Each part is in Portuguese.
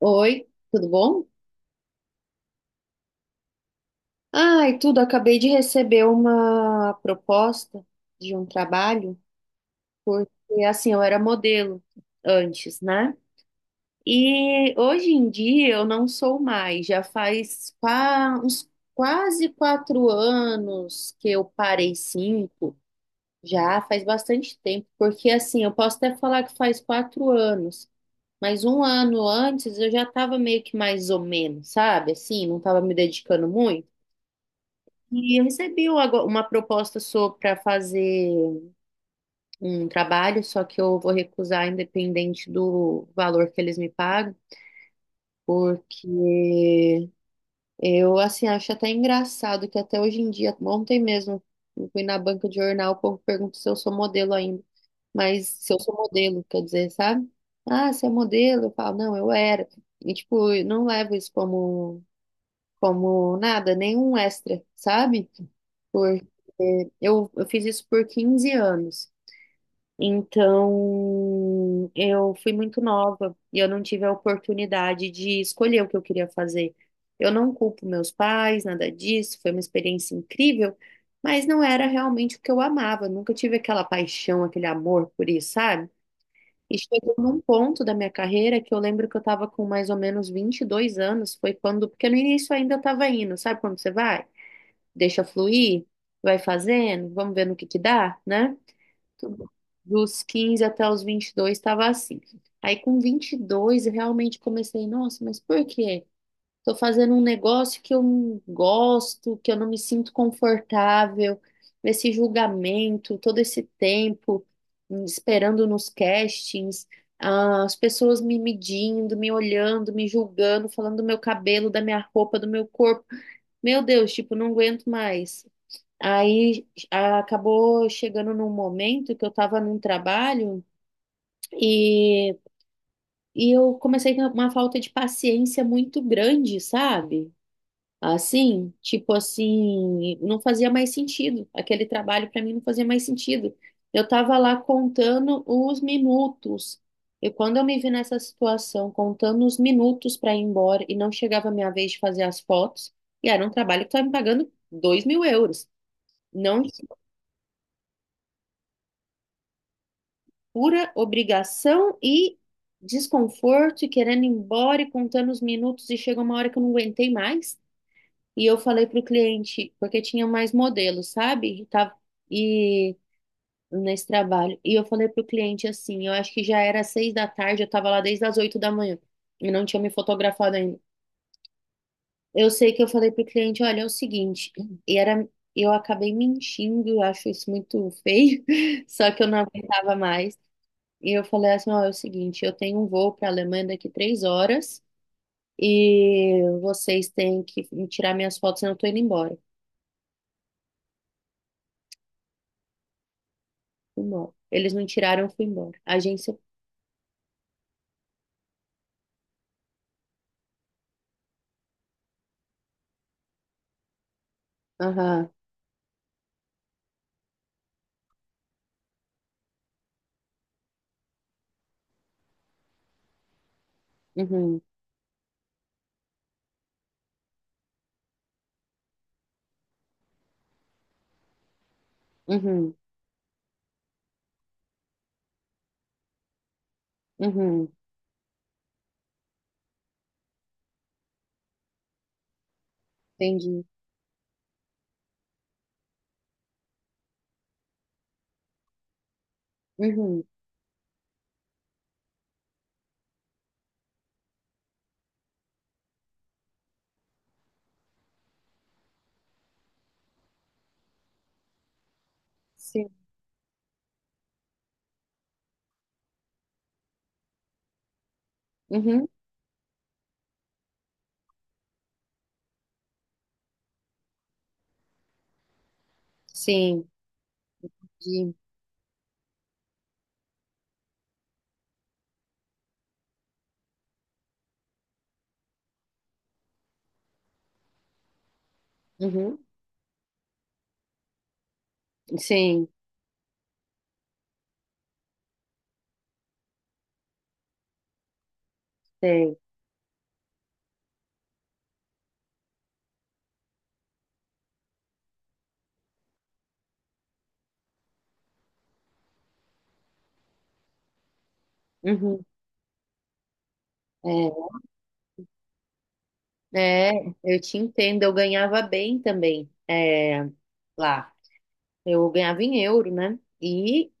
Oi, tudo bom? Ai, tudo. Acabei de receber uma proposta de um trabalho, porque assim, eu era modelo antes, né? E hoje em dia eu não sou mais. Já faz uns quase quatro anos que eu parei cinco. Já faz bastante tempo, porque assim, eu posso até falar que faz quatro anos, mas um ano antes eu já estava meio que mais ou menos, sabe? Assim, não estava me dedicando muito. E eu recebi uma proposta para fazer um trabalho, só que eu vou recusar independente do valor que eles me pagam, porque eu assim acho até engraçado que até hoje em dia, ontem mesmo, eu fui na banca de jornal, o povo pergunta se eu sou modelo ainda, mas se eu sou modelo, quer dizer, sabe? Ah, você é modelo? Eu falo, não, eu era. E tipo, eu não levo isso como nada, nenhum extra, sabe? Porque eu fiz isso por 15 anos. Então, eu fui muito nova e eu não tive a oportunidade de escolher o que eu queria fazer. Eu não culpo meus pais, nada disso, foi uma experiência incrível, mas não era realmente o que eu amava. Eu nunca tive aquela paixão, aquele amor por isso, sabe? E chegou num ponto da minha carreira que eu lembro que eu estava com mais ou menos 22 anos, foi quando, porque no início ainda eu estava indo, sabe quando você vai? Deixa fluir, vai fazendo, vamos ver no que dá, né? Tudo. Dos 15 até os 22 estava assim. Aí com 22 eu realmente comecei, nossa, mas por quê? Tô fazendo um negócio que eu não gosto, que eu não me sinto confortável, esse julgamento, todo esse tempo esperando nos castings, ah, as pessoas me medindo, me olhando, me julgando, falando do meu cabelo, da minha roupa, do meu corpo. Meu Deus, tipo, não aguento mais. Acabou chegando num momento que eu tava num trabalho e, e eu comecei a ter uma falta de paciência muito grande, sabe? Assim, tipo assim, não fazia mais sentido. Aquele trabalho para mim não fazia mais sentido. Eu estava lá contando os minutos. E quando eu me vi nessa situação, contando os minutos para ir embora e não chegava a minha vez de fazer as fotos, e era um trabalho que estava me pagando 2 mil euros. Não de pura obrigação e desconforto, e querendo ir embora e contando os minutos, e chega uma hora que eu não aguentei mais. E eu falei para o cliente, porque tinha mais modelos, sabe? E, tava, e nesse trabalho. E eu falei para o cliente assim, eu acho que já era seis da tarde, eu estava lá desde as oito da manhã e não tinha me fotografado ainda. Eu sei que eu falei para o cliente, olha, é o seguinte, e era, eu acabei mentindo, eu acho isso muito feio, só que eu não aguentava mais. E eu falei assim, ó, é o seguinte, eu tenho um voo para a Alemanha daqui três horas e vocês têm que me tirar minhas fotos, senão eu tô indo embora. Fui embora. Eles não tiraram, eu fui embora. A agência. Aham. Uhum. Uhum. Uhum. Entendi. Uhum. Sim. Uhum. Sim. Entendi. Uhum. Sim. Sei. Uhum. É. É, eu te entendo. Eu ganhava bem também. É, lá. Eu ganhava em euro, né? E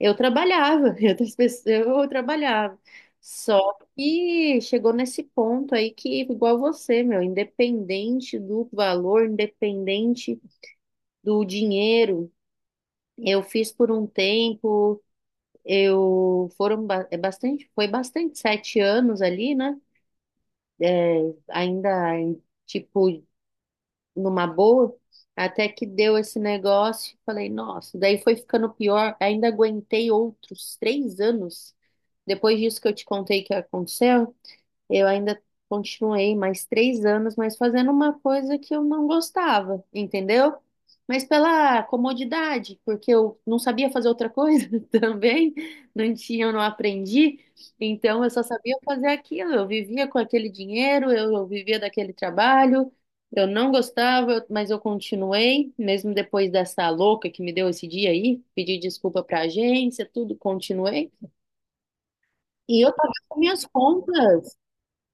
eu trabalhava, e outras pessoas, eu trabalhava. Só que chegou nesse ponto aí que, igual você, meu, independente do valor, independente do dinheiro, eu fiz por um tempo, eu foram é bastante, foi bastante, sete anos ali, né? Ainda, tipo, numa boa, até que deu esse negócio, falei, nossa, daí foi ficando pior, ainda aguentei outros três anos, depois disso que eu te contei que aconteceu, eu ainda continuei mais três anos, mas fazendo uma coisa que eu não gostava, entendeu? Mas pela comodidade, porque eu não sabia fazer outra coisa também, não tinha, eu não aprendi, então eu só sabia fazer aquilo. Eu vivia com aquele dinheiro, eu vivia daquele trabalho, eu não gostava, mas eu continuei, mesmo depois dessa louca que me deu esse dia aí, pedi desculpa pra agência, tudo, continuei. E eu pagava minhas contas.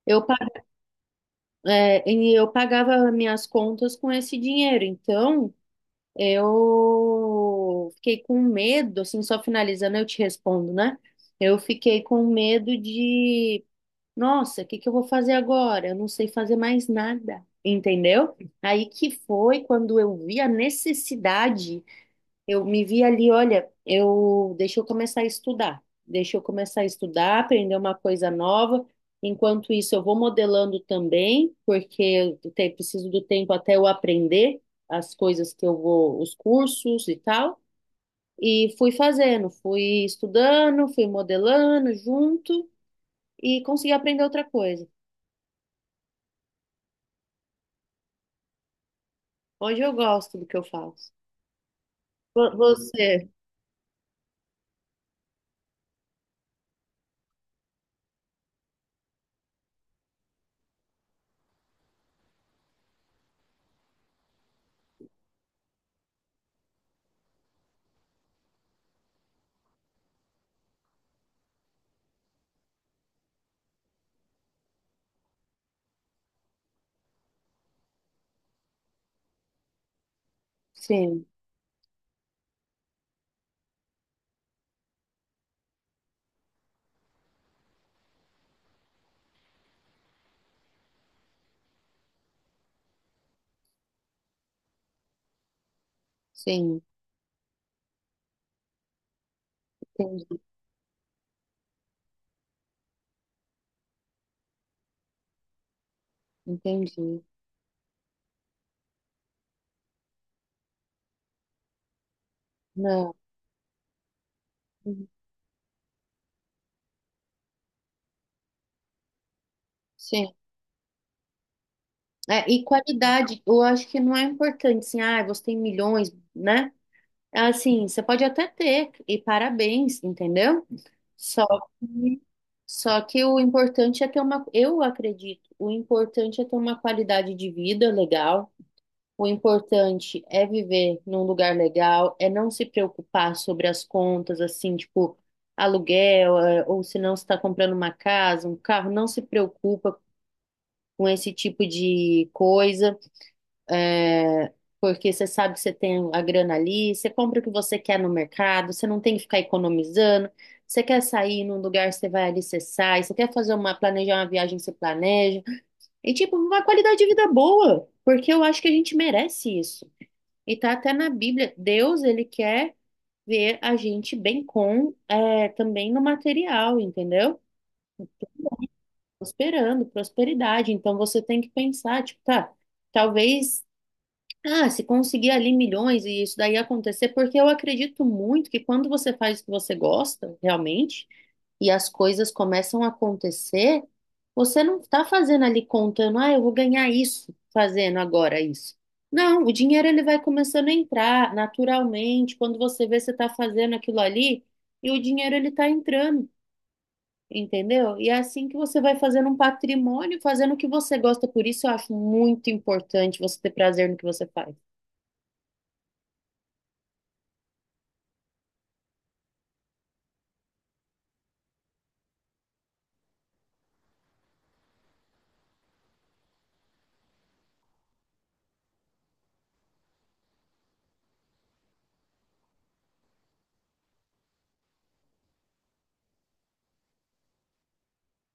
Eu É, e eu pagava minhas contas com esse dinheiro, então eu fiquei com medo, assim, só finalizando, eu te respondo, né? Eu fiquei com medo de, nossa, o que que eu vou fazer agora? Eu não sei fazer mais nada, entendeu? Aí que foi quando eu vi a necessidade, eu me vi ali, olha, eu deixa eu começar a estudar, deixa eu começar a estudar, aprender uma coisa nova. Enquanto isso, eu vou modelando também, porque preciso do tempo até eu aprender as coisas que eu vou, os cursos e tal. E fui fazendo, fui estudando, fui modelando junto e consegui aprender outra coisa. Hoje eu gosto do que eu faço. Você, sim, sim, entendi, entendi. Não, uhum, sim. É, e qualidade, eu acho que não é importante, assim, ah, você tem milhões, né? É. Assim, você pode até ter, e parabéns, entendeu? Só que, só que o importante é ter uma, eu acredito, o importante é ter uma qualidade de vida legal, o importante é viver num lugar legal, é não se preocupar sobre as contas, assim, tipo, aluguel, é, ou se não está comprando uma casa, um carro, não se preocupa com esse tipo de coisa. É, porque você sabe que você tem a grana ali, você compra o que você quer no mercado, você não tem que ficar economizando. Você quer sair num lugar, você vai ali, você sai. Você quer fazer uma, planejar uma viagem, você planeja. E, tipo, uma qualidade de vida boa, porque eu acho que a gente merece isso. E tá até na Bíblia, Deus, ele quer ver a gente bem com, é, também no material, entendeu? Prosperando, prosperidade. Então, você tem que pensar, tipo, tá, talvez. Ah, se conseguir ali milhões e isso daí acontecer, porque eu acredito muito que quando você faz o que você gosta, realmente, e as coisas começam a acontecer, você não está fazendo ali contando, ah, eu vou ganhar isso fazendo agora isso. Não, o dinheiro ele vai começando a entrar naturalmente, quando você vê você está fazendo aquilo ali, e o dinheiro ele está entrando, entendeu? E é assim que você vai fazendo um patrimônio, fazendo o que você gosta. Por isso eu acho muito importante você ter prazer no que você faz.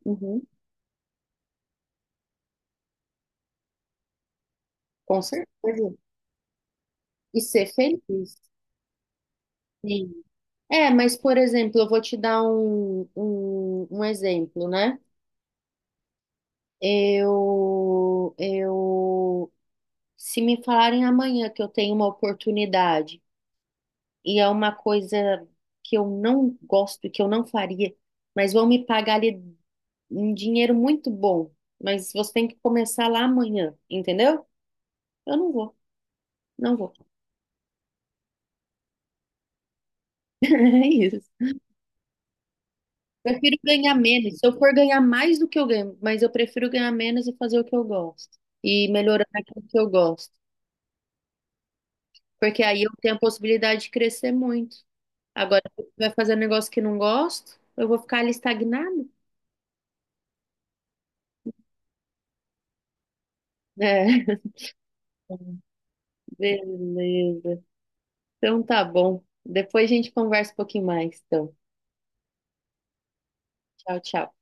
Uhum, com certeza. E ser feliz, sim. É, mas, por exemplo, eu vou te dar um, exemplo, né? Eu, eu, se me falarem amanhã que eu tenho uma oportunidade e é uma coisa que eu não gosto, que eu não faria, mas vão me pagar ali um dinheiro muito bom, mas você tem que começar lá amanhã, entendeu? Eu não vou, não vou. É isso. Prefiro ganhar menos. Se eu for ganhar mais do que eu ganho, mas eu prefiro ganhar menos e fazer o que eu gosto. E melhorar aquilo que eu gosto. Porque aí eu tenho a possibilidade de crescer muito. Agora, se eu vai fazer um negócio que não gosto, eu vou ficar ali estagnado. É. Beleza. Então tá bom. Depois a gente conversa um pouquinho mais. Então, tchau, tchau.